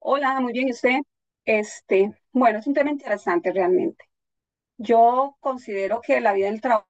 Hola, muy bien, ¿y usted? Este, bueno, es un tema interesante realmente. Yo considero que la vida del trabajo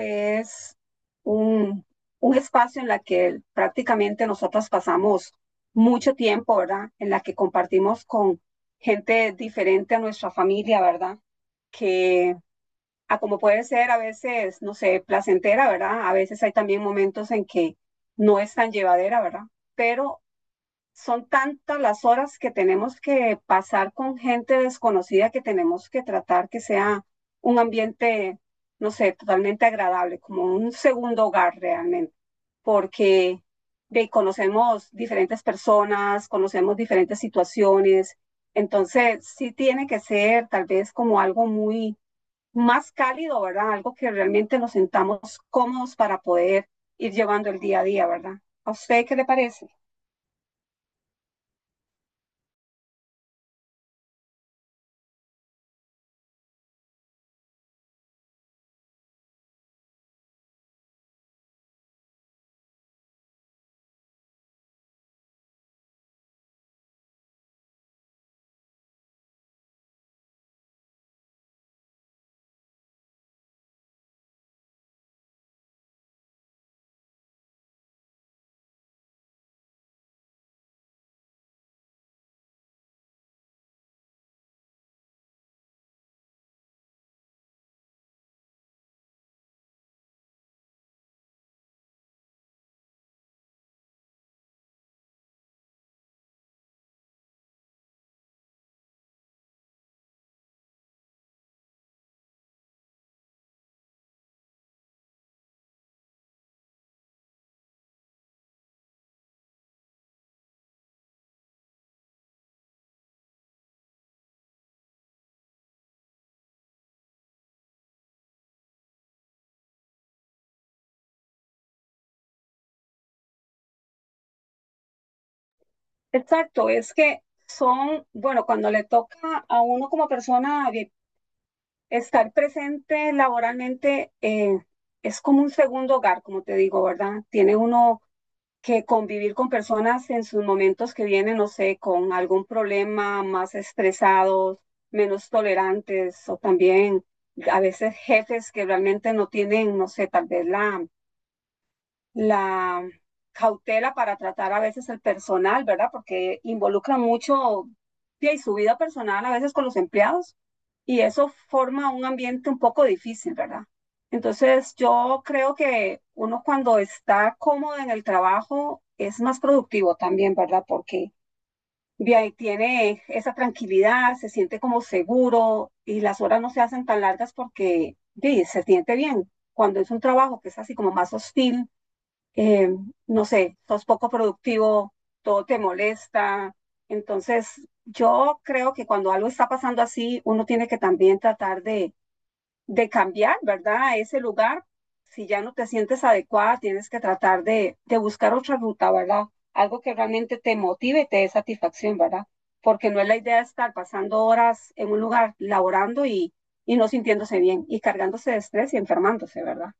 es un, un espacio en la que prácticamente nosotros pasamos mucho tiempo, ¿verdad? En la que compartimos con gente diferente a nuestra familia, ¿verdad? Que, a como puede ser a veces, no sé, placentera, ¿verdad? A veces hay también momentos en que no es tan llevadera, ¿verdad? Pero son tantas las horas que tenemos que pasar con gente desconocida que tenemos que tratar que sea un ambiente, no sé, totalmente agradable, como un segundo hogar realmente, porque conocemos diferentes personas, conocemos diferentes situaciones, entonces sí tiene que ser tal vez como algo muy más cálido, ¿verdad? Algo que realmente nos sentamos cómodos para poder ir llevando el día a día, ¿verdad? ¿A usted qué le parece? Exacto, es que son, bueno, cuando le toca a uno como persona estar presente laboralmente, es como un segundo hogar, como te digo, ¿verdad? Tiene uno que convivir con personas en sus momentos que vienen, no sé, con algún problema, más estresados, menos tolerantes, o también a veces jefes que realmente no tienen, no sé, tal vez la la cautela para tratar a veces el personal, ¿verdad? Porque involucra mucho y su vida personal a veces con los empleados y eso forma un ambiente un poco difícil, ¿verdad? Entonces yo creo que uno cuando está cómodo en el trabajo es más productivo también, ¿verdad? Porque de ahí tiene esa tranquilidad, se siente como seguro y las horas no se hacen tan largas porque de ahí, se siente bien. Cuando es un trabajo que es así como más hostil, eh, no sé, sos poco productivo, todo te molesta. Entonces, yo creo que cuando algo está pasando así, uno tiene que también tratar de, cambiar, ¿verdad? Ese lugar, si ya no te sientes adecuada, tienes que tratar de, buscar otra ruta, ¿verdad? Algo que realmente te motive y te dé satisfacción, ¿verdad? Porque no es la idea estar pasando horas en un lugar laborando y no sintiéndose bien y cargándose de estrés y enfermándose, ¿verdad?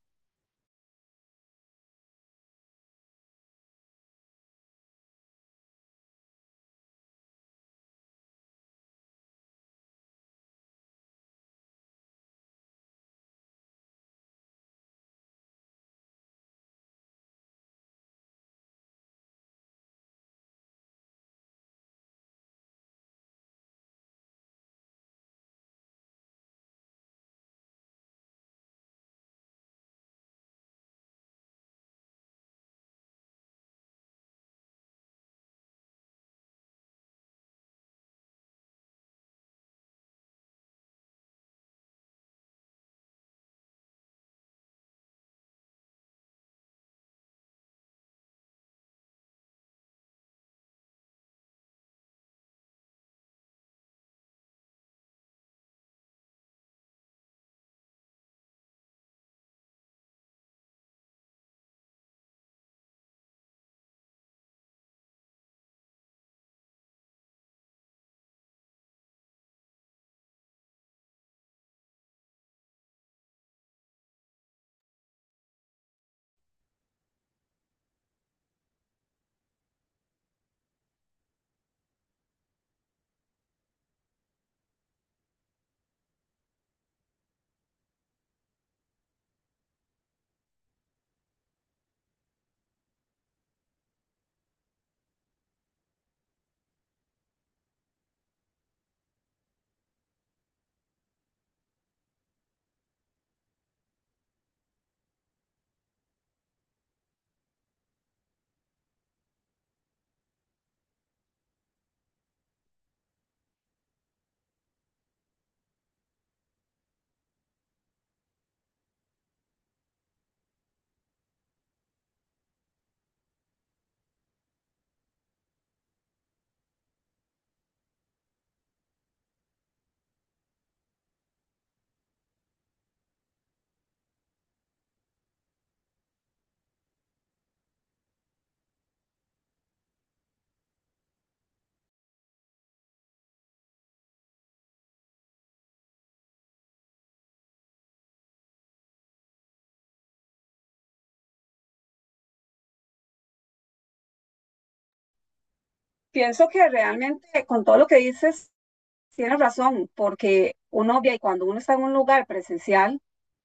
Pienso que realmente con todo lo que dices, tienes razón, porque uno, ve, y cuando uno está en un lugar presencial,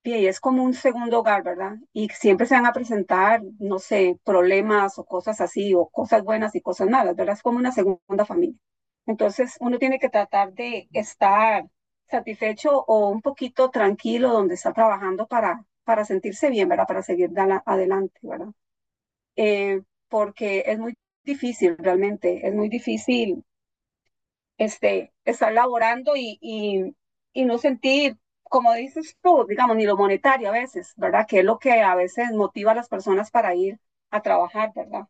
ve, y es como un segundo hogar, ¿verdad? Y siempre se van a presentar, no sé, problemas o cosas así, o cosas buenas y cosas malas, ¿verdad? Es como una segunda familia. Entonces, uno tiene que tratar de estar satisfecho o un poquito tranquilo donde está trabajando para, sentirse bien, ¿verdad? Para seguir adelante, ¿verdad? Eh, porque es muy difícil, realmente, es muy difícil este, estar laborando y no sentir, como dices tú, digamos, ni lo monetario a veces, ¿verdad? Que es lo que a veces motiva a las personas para ir a trabajar, ¿verdad?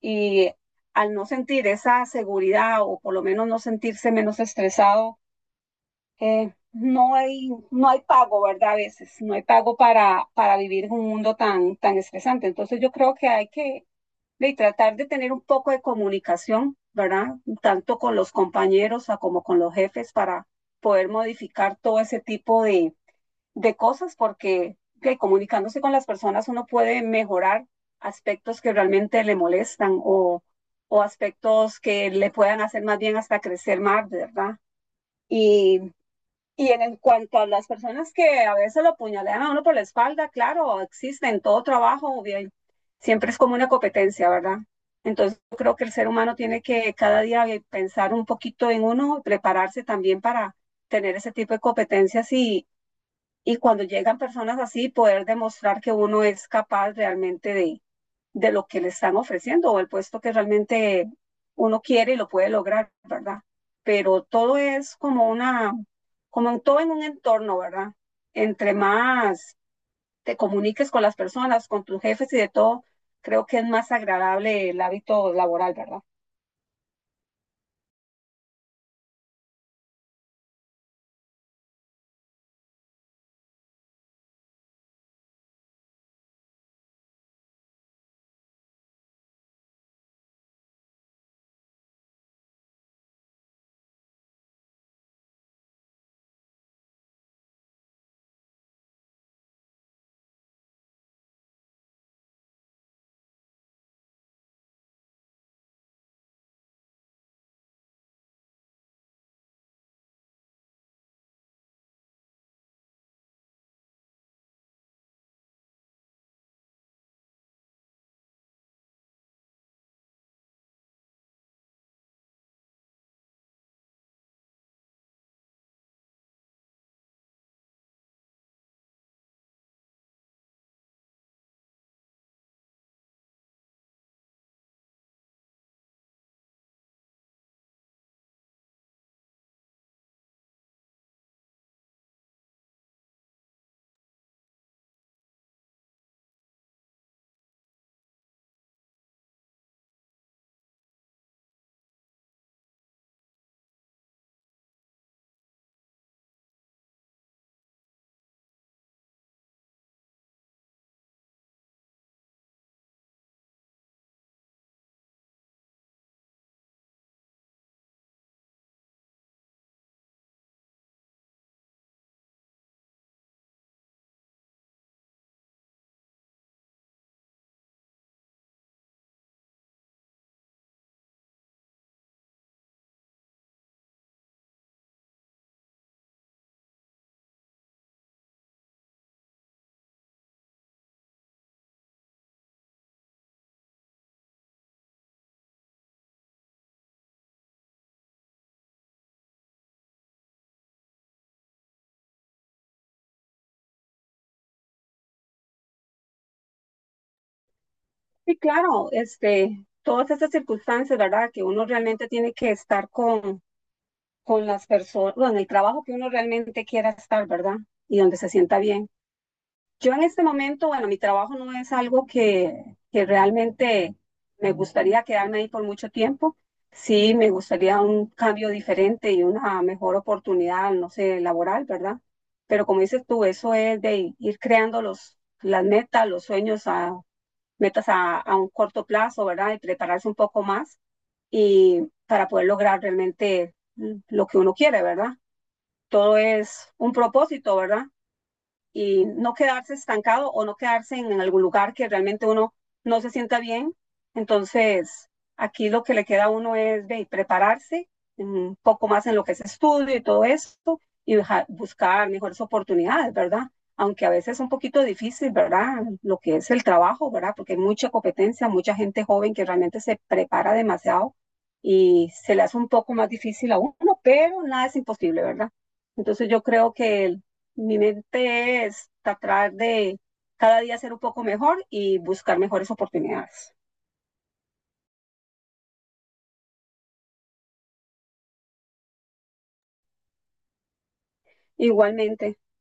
Y al no sentir esa seguridad o por lo menos no sentirse menos estresado, no hay pago, ¿verdad? A veces, no hay pago para, vivir en un mundo tan, tan estresante. Entonces yo creo que hay que, y tratar de tener un poco de comunicación, ¿verdad? Tanto con los compañeros como con los jefes para poder modificar todo ese tipo de, cosas, porque que comunicándose con las personas uno puede mejorar aspectos que realmente le molestan o aspectos que le puedan hacer más bien hasta crecer más, ¿verdad? Y y en, cuanto a las personas que a veces lo puñalean a uno por la espalda, claro, existe en todo trabajo, bien, siempre es como una competencia, ¿verdad? Entonces yo creo que el ser humano tiene que cada día bien, pensar un poquito en uno, y prepararse también para tener ese tipo de competencias y cuando llegan personas así, poder demostrar que uno es capaz realmente de, lo que le están ofreciendo o el puesto que realmente uno quiere y lo puede lograr, ¿verdad? Pero todo es como como en todo en un entorno, ¿verdad? Entre más te comuniques con las personas, con tus jefes y de todo, creo que es más agradable el hábito laboral, ¿verdad? Y claro, este, todas estas circunstancias, ¿verdad? Que uno realmente tiene que estar con, las personas, bueno, en el trabajo que uno realmente quiera estar, ¿verdad? Y donde se sienta bien. Yo en este momento, bueno, mi trabajo no es algo que realmente me gustaría quedarme ahí por mucho tiempo. Sí, me gustaría un cambio diferente y una mejor oportunidad, no sé, laboral, ¿verdad? Pero como dices tú, eso es de ir creando las metas, los sueños, metas a un corto plazo, ¿verdad? Y prepararse un poco más y para poder lograr realmente lo que uno quiere, ¿verdad? Todo es un propósito, ¿verdad? Y no quedarse estancado o no quedarse en, algún lugar que realmente uno no se sienta bien. Entonces, aquí lo que le queda a uno es de prepararse un poco más en lo que es estudio y todo esto y buscar mejores oportunidades, ¿verdad? Aunque a veces es un poquito difícil, ¿verdad? Lo que es el trabajo, ¿verdad? Porque hay mucha competencia, mucha gente joven que realmente se prepara demasiado y se le hace un poco más difícil a uno, pero nada es imposible, ¿verdad? Entonces yo creo que mi mente es tratar de cada día ser un poco mejor y buscar mejores oportunidades. Igualmente.